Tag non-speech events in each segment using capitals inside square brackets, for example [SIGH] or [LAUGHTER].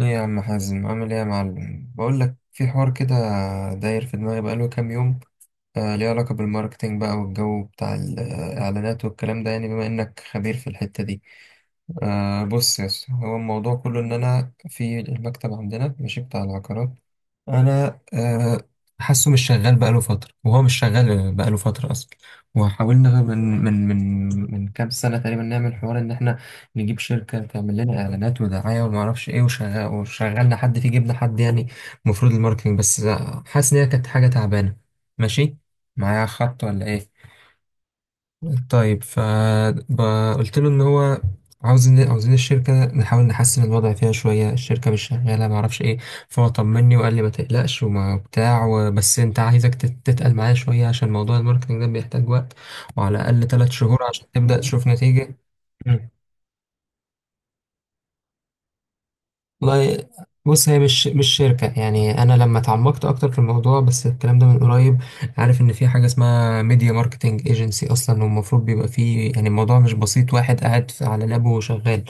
ايه يا عم حازم، عامل ايه يا معلم؟ بقول لك، في حوار كده داير في دماغي بقاله كام يوم. ليه علاقة بالماركتينج بقى، والجو بتاع الإعلانات والكلام ده، يعني بما إنك خبير في الحتة دي. بص يا اسطى، هو الموضوع كله إن أنا في المكتب عندنا ماشي بتاع العقارات. أنا حاسه مش شغال بقاله فترة، وهو مش شغال بقاله فترة أصلا. وحاولنا من كام سنة تقريبا نعمل حوار إن إحنا نجيب شركة تعمل لنا إعلانات ودعاية ومعرفش إيه، وشغال، وشغلنا حد فيه، جبنا حد يعني المفروض الماركتينج بس. حاسس إن هي كانت حاجة تعبانة. ماشي، معايا خط ولا ايه؟ طيب فقلت له ان هو عاوزين الشركة نحاول نحسن الوضع فيها شوية، الشركة مش شغالة معرفش ايه. فهو طمني وقال لي ما تقلقش وما بتاع، وبس انت عايزك تتقل معايا شوية، عشان موضوع الماركتنج ده بيحتاج وقت، وعلى الأقل 3 شهور عشان تبدأ تشوف نتيجة. والله بص، هي مش شركة يعني، أنا لما اتعمقت أكتر في الموضوع بس الكلام ده من قريب، عارف إن في حاجة اسمها ميديا ماركتينج ايجنسي أصلا، والمفروض بيبقى فيه، يعني الموضوع مش بسيط، واحد قاعد على لابه وشغال.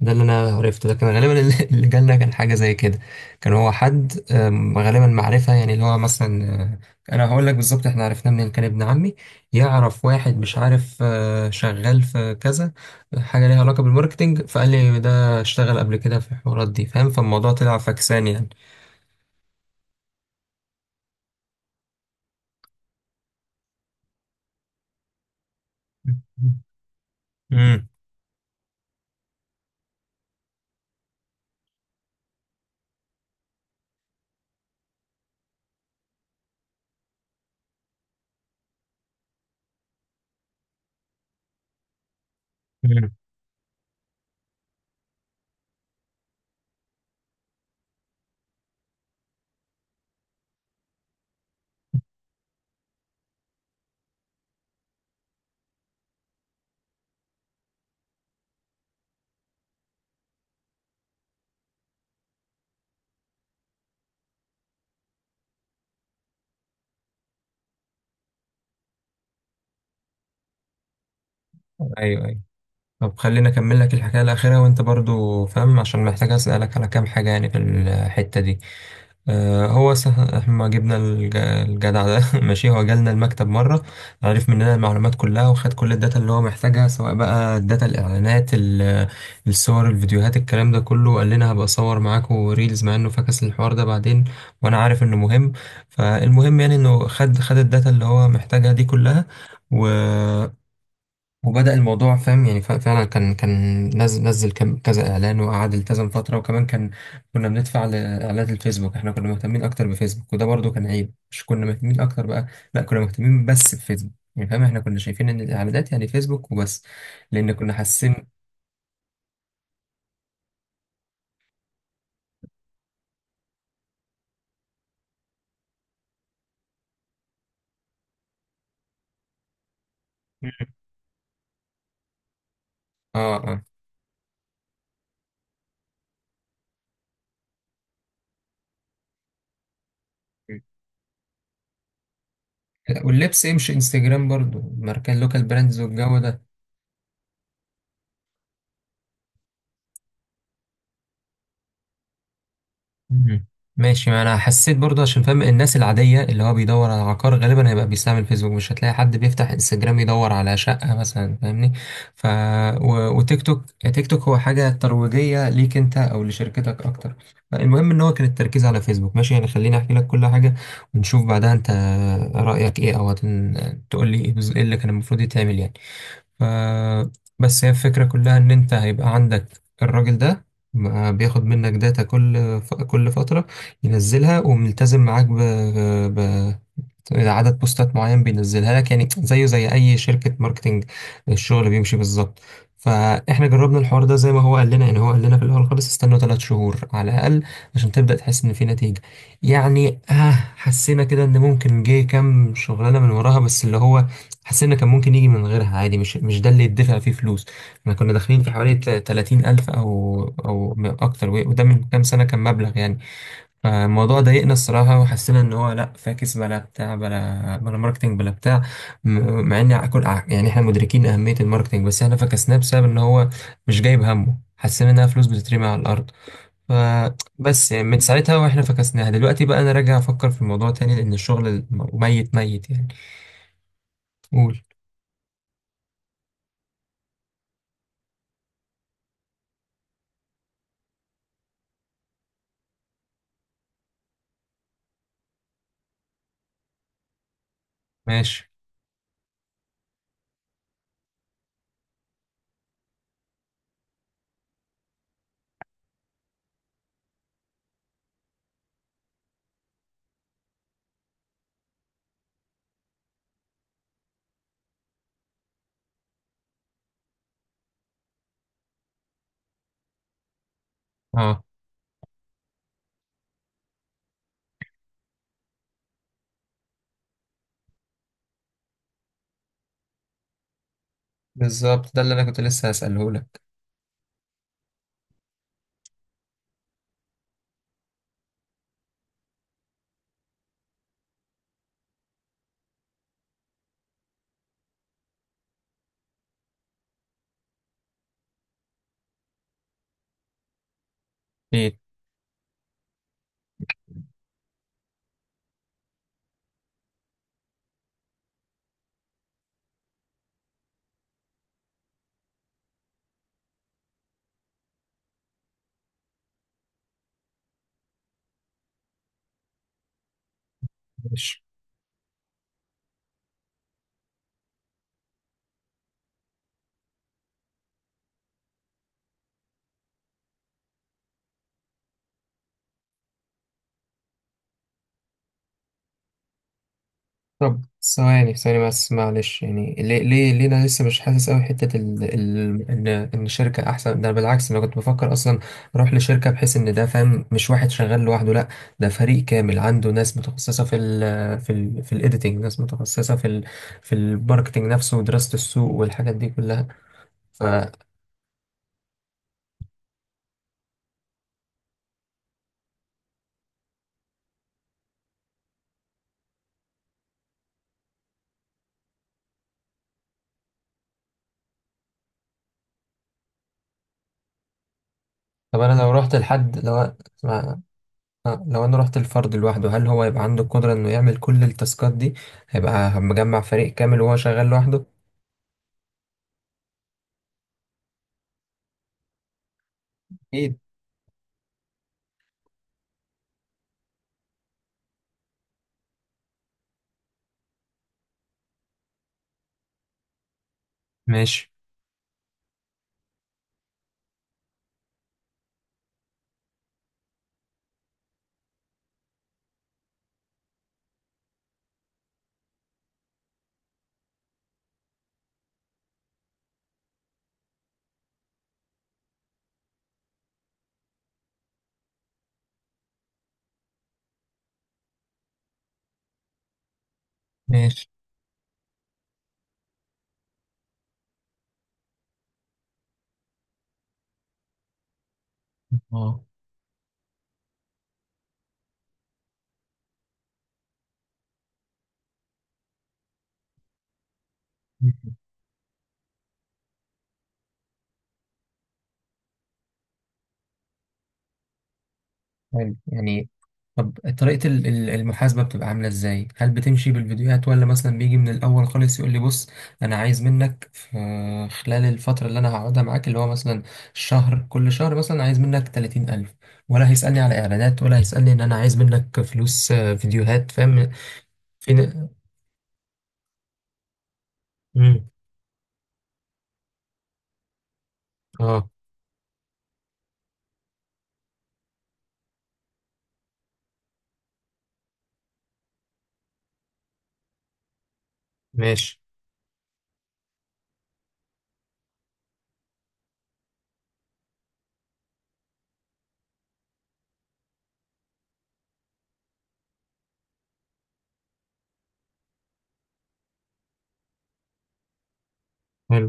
ده اللي أنا عرفته، لكن غالبا اللي [LAUGHS] اللي جالنا كان حاجة زي كده. كان هو حد، غالبا معرفة، يعني اللي هو مثلا، أنا هقول لك بالظبط إحنا عرفناه منين، كان ابن عمي يعرف واحد مش عارف، شغال في كذا حاجة ليها علاقة بالماركتينج، فقال لي ده اشتغل قبل كده في الحوارات دي، فاهم؟ فالموضوع طلع فكسان يعني. امم امم ايوه، ايوه. طب خليني اكمل لك الحكايه الاخيره وانت برضو فاهم، عشان محتاج اسالك على كام حاجه يعني في الحته دي. هو احنا ما جبنا الجدع ده [LAUGHS] ماشي. هو جالنا المكتب مرة، عرف مننا المعلومات كلها وخد كل الداتا اللي هو محتاجها، سواء بقى الداتا، الإعلانات، الصور، الفيديوهات، الكلام ده كله. وقال لنا هبقى أصور معاكم ريلز، مع إنه فكس الحوار ده بعدين، وأنا عارف إنه مهم. فالمهم يعني إنه خد الداتا اللي هو محتاجها دي كلها، وبدأ الموضوع فاهم. يعني فعلا كان نزل كذا اعلان، وقعد التزم فتره، وكمان كان كنا بندفع لاعلانات الفيسبوك. احنا كنا مهتمين اكتر بفيسبوك، وده برضو كان عيب، مش كنا مهتمين اكتر بقى، لا كنا مهتمين بس بفيسبوك يعني فاهم، احنا كنا شايفين ان الاعلانات يعني فيسبوك وبس، لان كنا حاسين. اه، اه. واللبس ايه، مش انستجرام برضو ماركات لوكال براندز والجو ده. مم. ماشي، ما انا حسيت برضه، عشان فاهم الناس العاديه اللي هو بيدور على عقار غالبا هيبقى بيستعمل فيسبوك، مش هتلاقي حد بيفتح انستجرام يدور على شقه مثلا، فاهمني؟ ف وتيك توك. تيك توك هو حاجه ترويجيه ليك انت او لشركتك اكتر. المهم ان هو كان التركيز على فيسبوك، ماشي يعني. خليني احكي لك كل حاجه، ونشوف بعدها انت رايك ايه، او تقول لي ايه، إيه اللي كان المفروض يتعمل يعني. ف بس هي الفكرة كلها إن أنت هيبقى عندك الراجل ده ما بياخد منك داتا كل فترة، ينزلها، وملتزم معاك ب... إذا عدد بوستات معين بينزلها لك، يعني زيه زي اي شركة ماركتينج، الشغل بيمشي بالظبط. فاحنا جربنا الحوار ده زي ما هو قال لنا، يعني هو قال لنا في الاول خالص استنوا 3 شهور على الاقل عشان تبدا تحس ان في نتيجه. يعني آه، حسينا كده ان ممكن جه كام شغلانه من وراها، بس اللي هو حسينا كان ممكن يجي من غيرها عادي، مش ده اللي يدفع فيه فلوس. احنا كنا داخلين في حوالي 30 الف او اكتر، وده من كام سنه كان مبلغ يعني. فالموضوع ضايقنا الصراحة، وحسينا إن هو لأ، فاكس بلا بتاع، بلا بلا ماركتينج بلا بتاع، مع إن كل، يعني إحنا مدركين أهمية الماركتينج، بس إحنا فكسناه بسبب إن هو مش جايب همه، حسينا إنها فلوس بتترمي على الأرض. فبس يعني من ساعتها وإحنا فكسناها. دلوقتي بقى أنا راجع أفكر في الموضوع تاني، لأن الشغل ميت ميت يعني. قول. ماشي. أه، بالظبط، ده اللي أنا كنت لسه هسأله لك. أكيد. ماشي. طب ثواني ثواني بس معلش، يعني ليه انا لسه مش حاسس قوي حته ان شركه احسن ده، أنا بالعكس انا كنت بفكر اصلا اروح لشركه، بحيث ان ده فاهم مش واحد شغال لوحده، لا ده فريق كامل عنده ناس متخصصه في في الايديتنج، ناس متخصصه في في الماركتنج نفسه، ودراسه السوق والحاجات دي كلها. ف طب انا لو رحت لحد، لو اسمع، لو انا رحت الفرد لوحده، هل هو يبقى عنده القدره انه يعمل كل التاسكات دي؟ هيبقى مجمع فريق كامل وهو شغال لوحده؟ أكيد. ماشي، ماشي. اه. حلو يعني. طب طريقة المحاسبة بتبقى عاملة ازاي؟ هل بتمشي بالفيديوهات، ولا مثلا بيجي من الأول خالص يقول لي، بص أنا عايز منك في خلال الفترة اللي أنا هقعدها معاك اللي هو مثلا شهر، كل شهر مثلا عايز منك 30 ألف، ولا هيسألني على إعلانات، ولا هيسألني إن أنا عايز منك فلوس، فيديوهات؟ فاهم؟ فين. مم. اه، ماشي. حلو.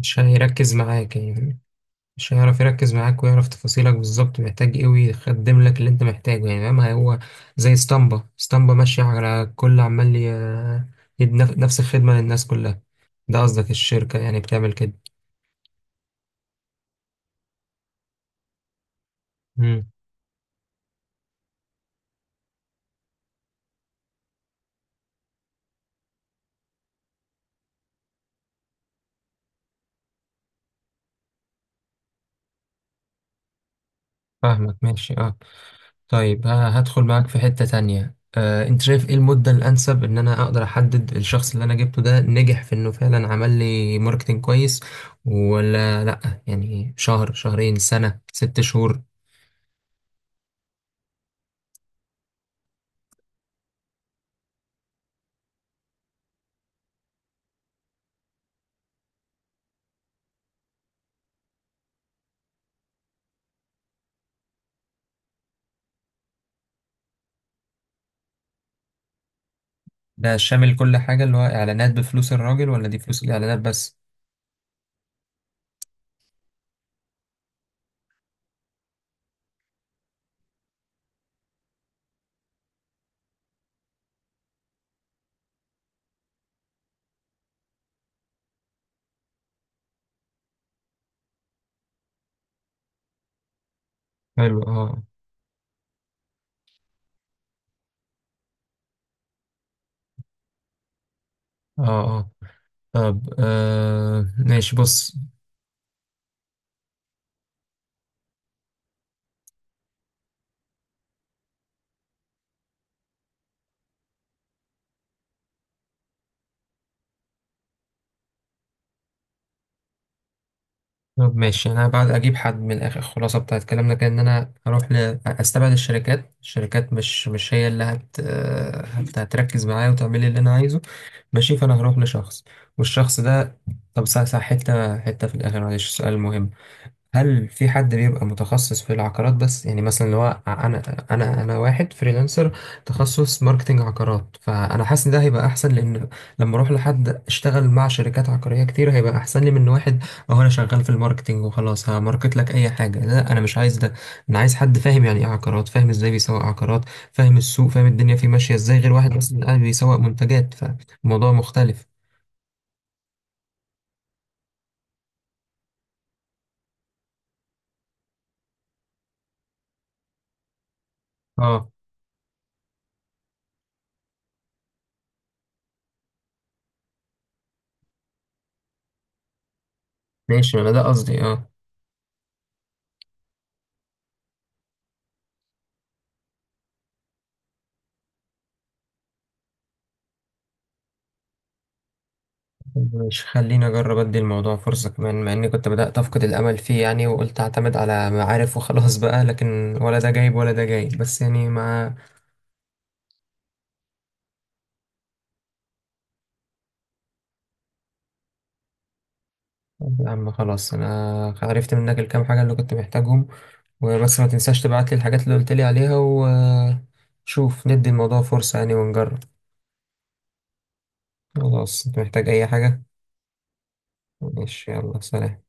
مش هيركز معاك يعني، مش هيعرف يركز معاك ويعرف تفاصيلك بالظبط محتاج ايه، ويخدم لك اللي انت محتاجه يعني، فاهم؟ هو زي اسطمبة، اسطمبة ماشية على الكل، عمال يدي نفس الخدمة للناس كلها. ده قصدك الشركة يعني بتعمل كده؟ امم. فاهمك، ماشي، اه. طيب هدخل معاك في حتة تانية، انت شايف ايه المدة الانسب ان انا اقدر احدد الشخص اللي انا جبته ده نجح في انه فعلا عمل لي ماركتينج كويس، ولا لا؟ يعني شهر، شهرين، سنة، 6 شهور؟ ده شامل كل حاجة، اللي هو إعلانات بفلوس الراجل، ولا دي فلوس الإعلانات بس؟ حلو، اه. اه، اه. طب ماشي بص. طب ماشي، انا بعد اجيب حد، من الاخر الخلاصه بتاعت كلامنا كان ان انا اروح استبعد الشركات، الشركات مش هي اللي هتركز معايا وتعمل لي اللي انا عايزه، ماشي. فانا هروح لشخص، والشخص ده، طب صح، صح، حته في الاخر معلش سؤال مهم، هل في حد بيبقى متخصص في العقارات بس، يعني مثلا اللي هو انا انا واحد فريلانسر تخصص ماركتنج عقارات، فانا حاسس ان ده هيبقى احسن، لان لما اروح لحد اشتغل مع شركات عقارية كتير هيبقى احسن لي من واحد، اهو انا شغال في الماركتنج وخلاص هماركت لك اي حاجة. لا، انا مش عايز ده. انا عايز حد فاهم يعني ايه عقارات، فاهم ازاي بيسوق عقارات، فاهم السوق، فاهم الدنيا فيه ماشية ازاي، غير واحد مثلا قاعد بيسوق منتجات فالموضوع مختلف. اه، ماشي، انا ده قصدي، اه. مش خليني أجرب أدي الموضوع فرصة كمان، مع إني كنت بدأت أفقد الأمل فيه يعني، وقلت أعتمد على معارف وخلاص بقى، لكن ولا ده جايب ولا ده جايب، بس يعني مع. يا عم خلاص أنا عرفت منك الكام حاجة اللي كنت محتاجهم، وبس ما تنساش تبعتلي الحاجات اللي قلتلي عليها، وشوف ندي الموضوع فرصة يعني ونجرب. خلاص، أنت محتاج أي حاجة؟ ماشي، يلا، سلام.